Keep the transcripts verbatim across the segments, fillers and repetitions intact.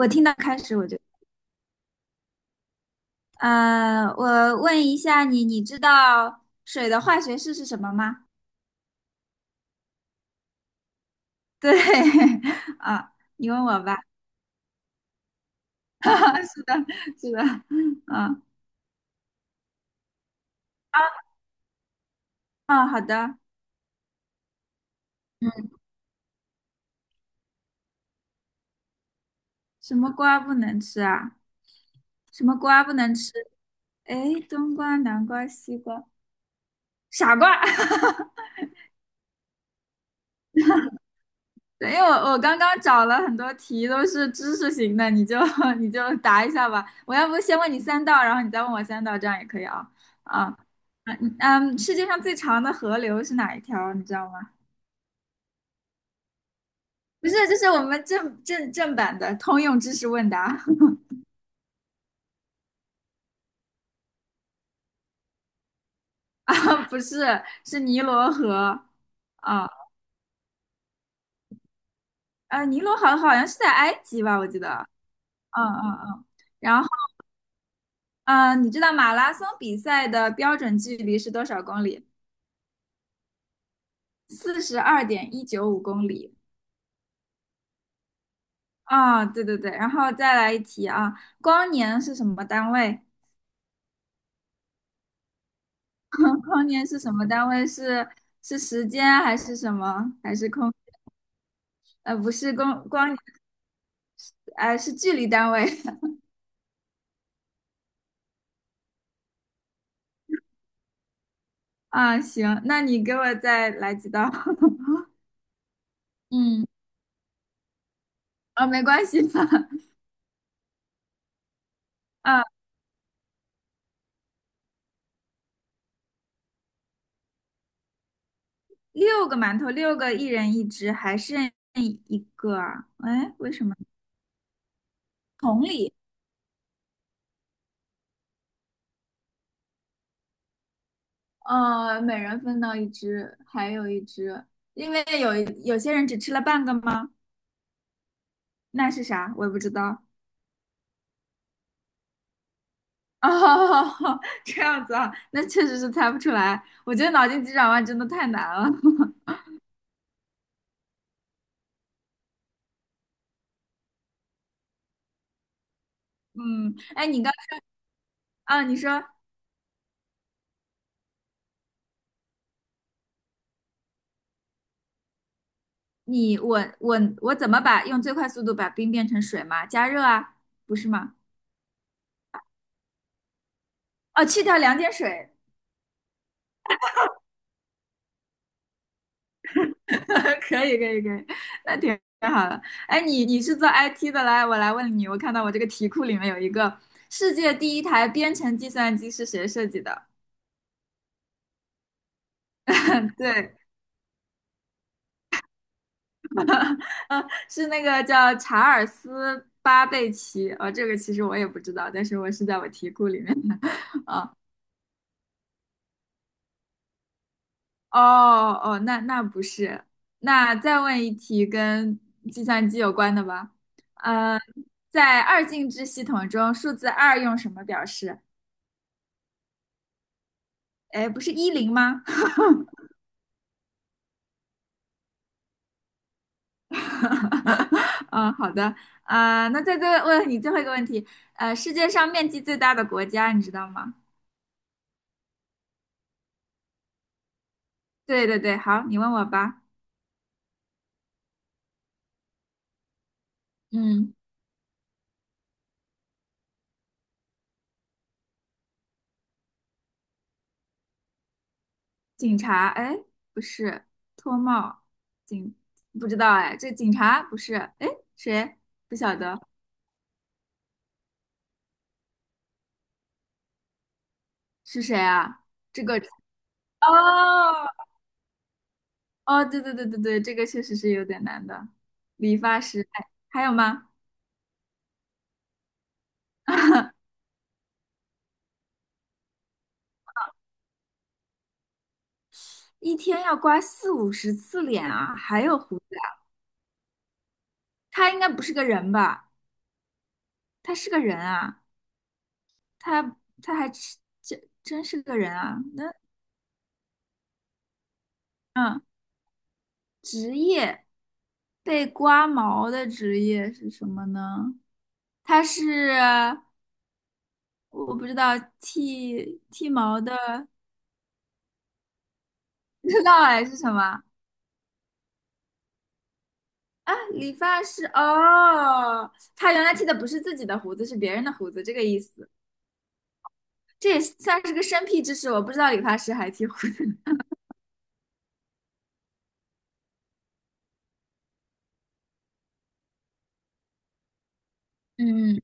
我听到开始我就，呃，我问一下你，你知道水的化学式是什么吗？对，啊，你问我吧。是的，是的，嗯，啊，好的。嗯，什么瓜不能吃啊？什么瓜不能吃？哎，冬瓜、南瓜、西瓜，傻瓜。对，因为我我刚刚找了很多题都是知识型的，你就 你就答一下吧。我要不先问你三道，然后你再问我三道，这样也可以啊。啊，嗯嗯，世界上最长的河流是哪一条？你知道吗？不是，这是我们正正正版的通用知识问答。 啊，不是，是尼罗河。啊，呃，尼罗河好像是在埃及吧，我记得。嗯嗯嗯。然后，嗯、你知道马拉松比赛的标准距离是多少公里？四十二点一九五公里。啊，对对对，然后再来一题啊，光年是什么单位？光年是什么单位？是是时间还是什么？还是空？呃，不是光光，呃，是距离单位。 啊。行，那你给我再来几道。嗯，啊，没关系吧？啊，六个馒头，六个一人一只，还剩一个啊？哎，为什么？同理，呃，每人分到一只，还有一只，因为有有些人只吃了半个吗？那是啥？我也不知道。哦，这样子啊，那确实是猜不出来。我觉得脑筋急转弯真的太难了。嗯，哎，你刚啊，你说你我我我怎么把用最快速度把冰变成水吗？加热啊，不是吗？哦，去掉两点水。可以可以可以，那挺挺好的。哎，你你是做 I T 的，来，我来问你，我看到我这个题库里面有一个世界第一台编程计算机是谁设计的？对，嗯，是那个叫查尔斯巴贝奇。哦，这个其实我也不知道，但是我是在我题库里面的。啊、哦哦，那那不是。那再问一题跟计算机有关的吧。呃，在二进制系统中，数字二用什么表示？哎，不是一零吗？嗯，好的，啊、那再再问你最后一个问题，呃，世界上面积最大的国家你知道吗？对对对，好，你问我吧。嗯，警察，哎，不是，脱帽，警，不知道哎，这警察不是，哎，谁？不晓得是谁啊？这个，哦哦，对对对对对，这个确实是有点难的。理发师，哎，还有吗？一天要刮四五十次脸啊，还有胡子。他应该不是个人吧？他是个人啊，他他还是真真是个人啊？那嗯，职业被刮毛的职业是什么呢？他是我不知道剃剃毛的，不知道哎是什么啊？理发师哦，他原来剃的不是自己的胡子，是别人的胡子，这个意思。这也算是个生僻知识，我不知道理发师还剃胡子。嗯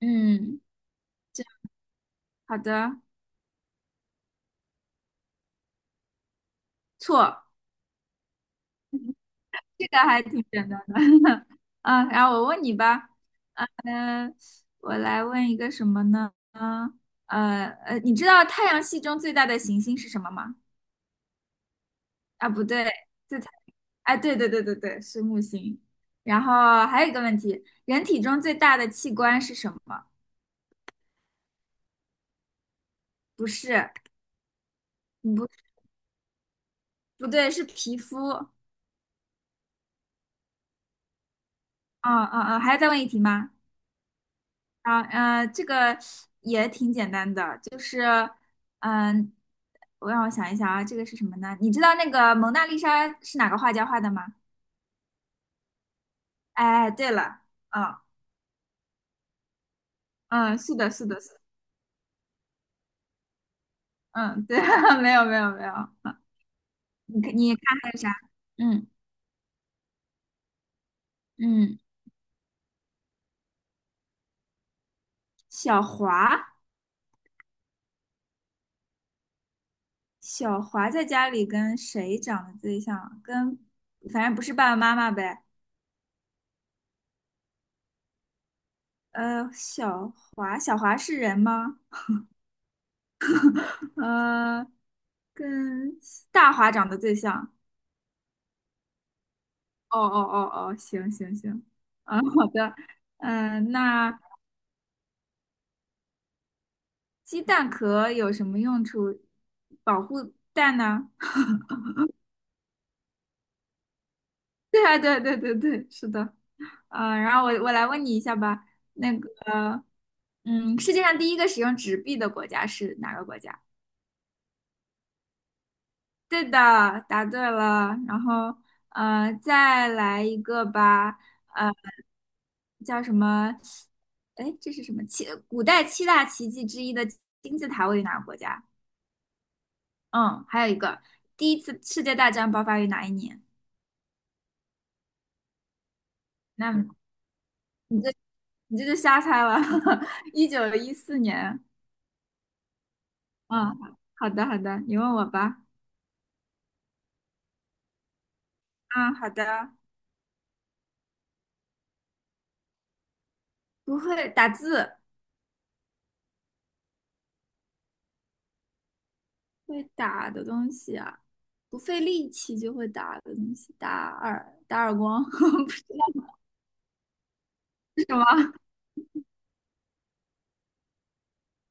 嗯，这好的，错。这个还挺简单的。嗯，然后我问你吧，嗯、我来问一个什么呢？呃呃，你知道太阳系中最大的行星是什么吗？啊，不对，这才，哎，对对对对对，是木星。然后还有一个问题，人体中最大的器官是什么？不是，不，不对，是皮肤。啊啊啊，还要再问一题吗？啊，呃，这个也挺简单的，就是，嗯、我让我想一想啊，这个是什么呢？你知道那个蒙娜丽莎是哪个画家画的吗？哎，对了，嗯嗯，是的，是的，是的。嗯，对，没有没有没有，嗯，你看你看还有啥？嗯嗯，小华，小华在家里跟谁长得最像啊？跟反正不是爸爸妈妈呗。呃，小华，小华是人吗？呃，跟大华长得最像。哦哦哦哦，行行行，嗯，好的，嗯，那鸡蛋壳有什么用处？保护蛋呢？对啊，对对对对，是的。嗯，然后我我来问你一下吧，那个，嗯，世界上第一个使用纸币的国家是哪个国家？对的，答对了。然后，呃，再来一个吧。呃，叫什么？哎，这是什么七？古代七大奇迹之一的金字塔位于哪个国家？嗯，还有一个，第一次世界大战爆发于哪一年？那你这你这就瞎猜了，一九一四年。嗯，好的好的，你问我吧。啊，好的，不会打字。会打的东西啊，不费力气就会打的东西，打耳打耳光，不知道是什么，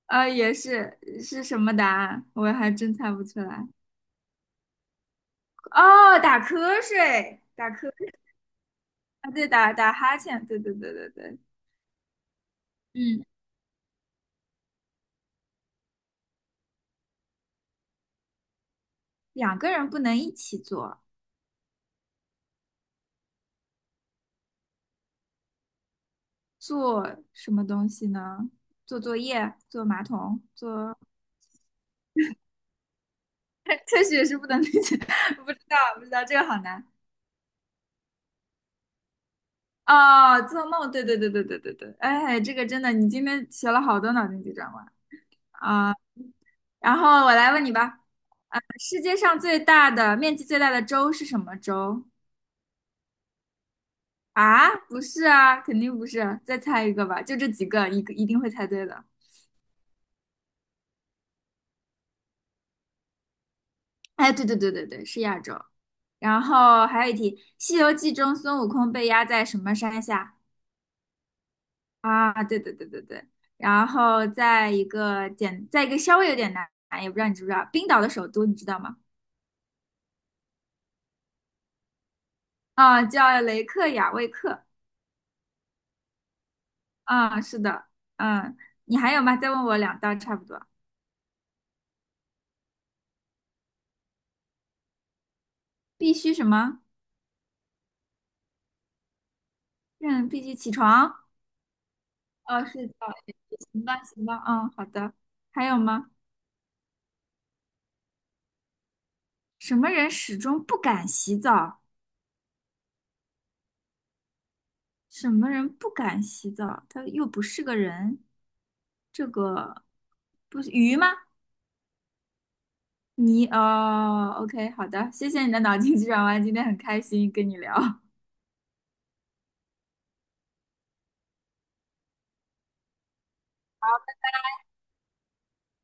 呃，也是是什么答案，我还真猜不出来。哦，打瞌睡，打瞌睡，啊，对，打打哈欠，对对对对对，嗯，两个人不能一起做，做什么东西呢？做作业，做马桶，做 科学是不能理解，不知道不知道，这个好难。啊，做梦，对对对对对对对，哎，这个真的，你今天学了好多脑筋急转弯啊。然后我来问你吧，世界上最大的面积最大的州是什么州？啊，不是啊，肯定不是啊，再猜一个吧，就这几个，一个一定会猜对的。哎，对对对对对，是亚洲。然后还有一题，《西游记》中孙悟空被压在什么山下？啊，对对对对对。然后再一个简，再一个稍微有点难，也不知道你知不知道，冰岛的首都你知道吗？啊，叫雷克雅未克。啊，是的，嗯，你还有吗？再问我两道，差不多。必须什么？嗯，必须起床。哦，睡觉。行吧，行吧，嗯，好的。还有吗？什么人始终不敢洗澡？什么人不敢洗澡？他又不是个人。这个不是鱼吗？你哦，OK,好的，谢谢你的脑筋急转弯，今天很开心跟你聊。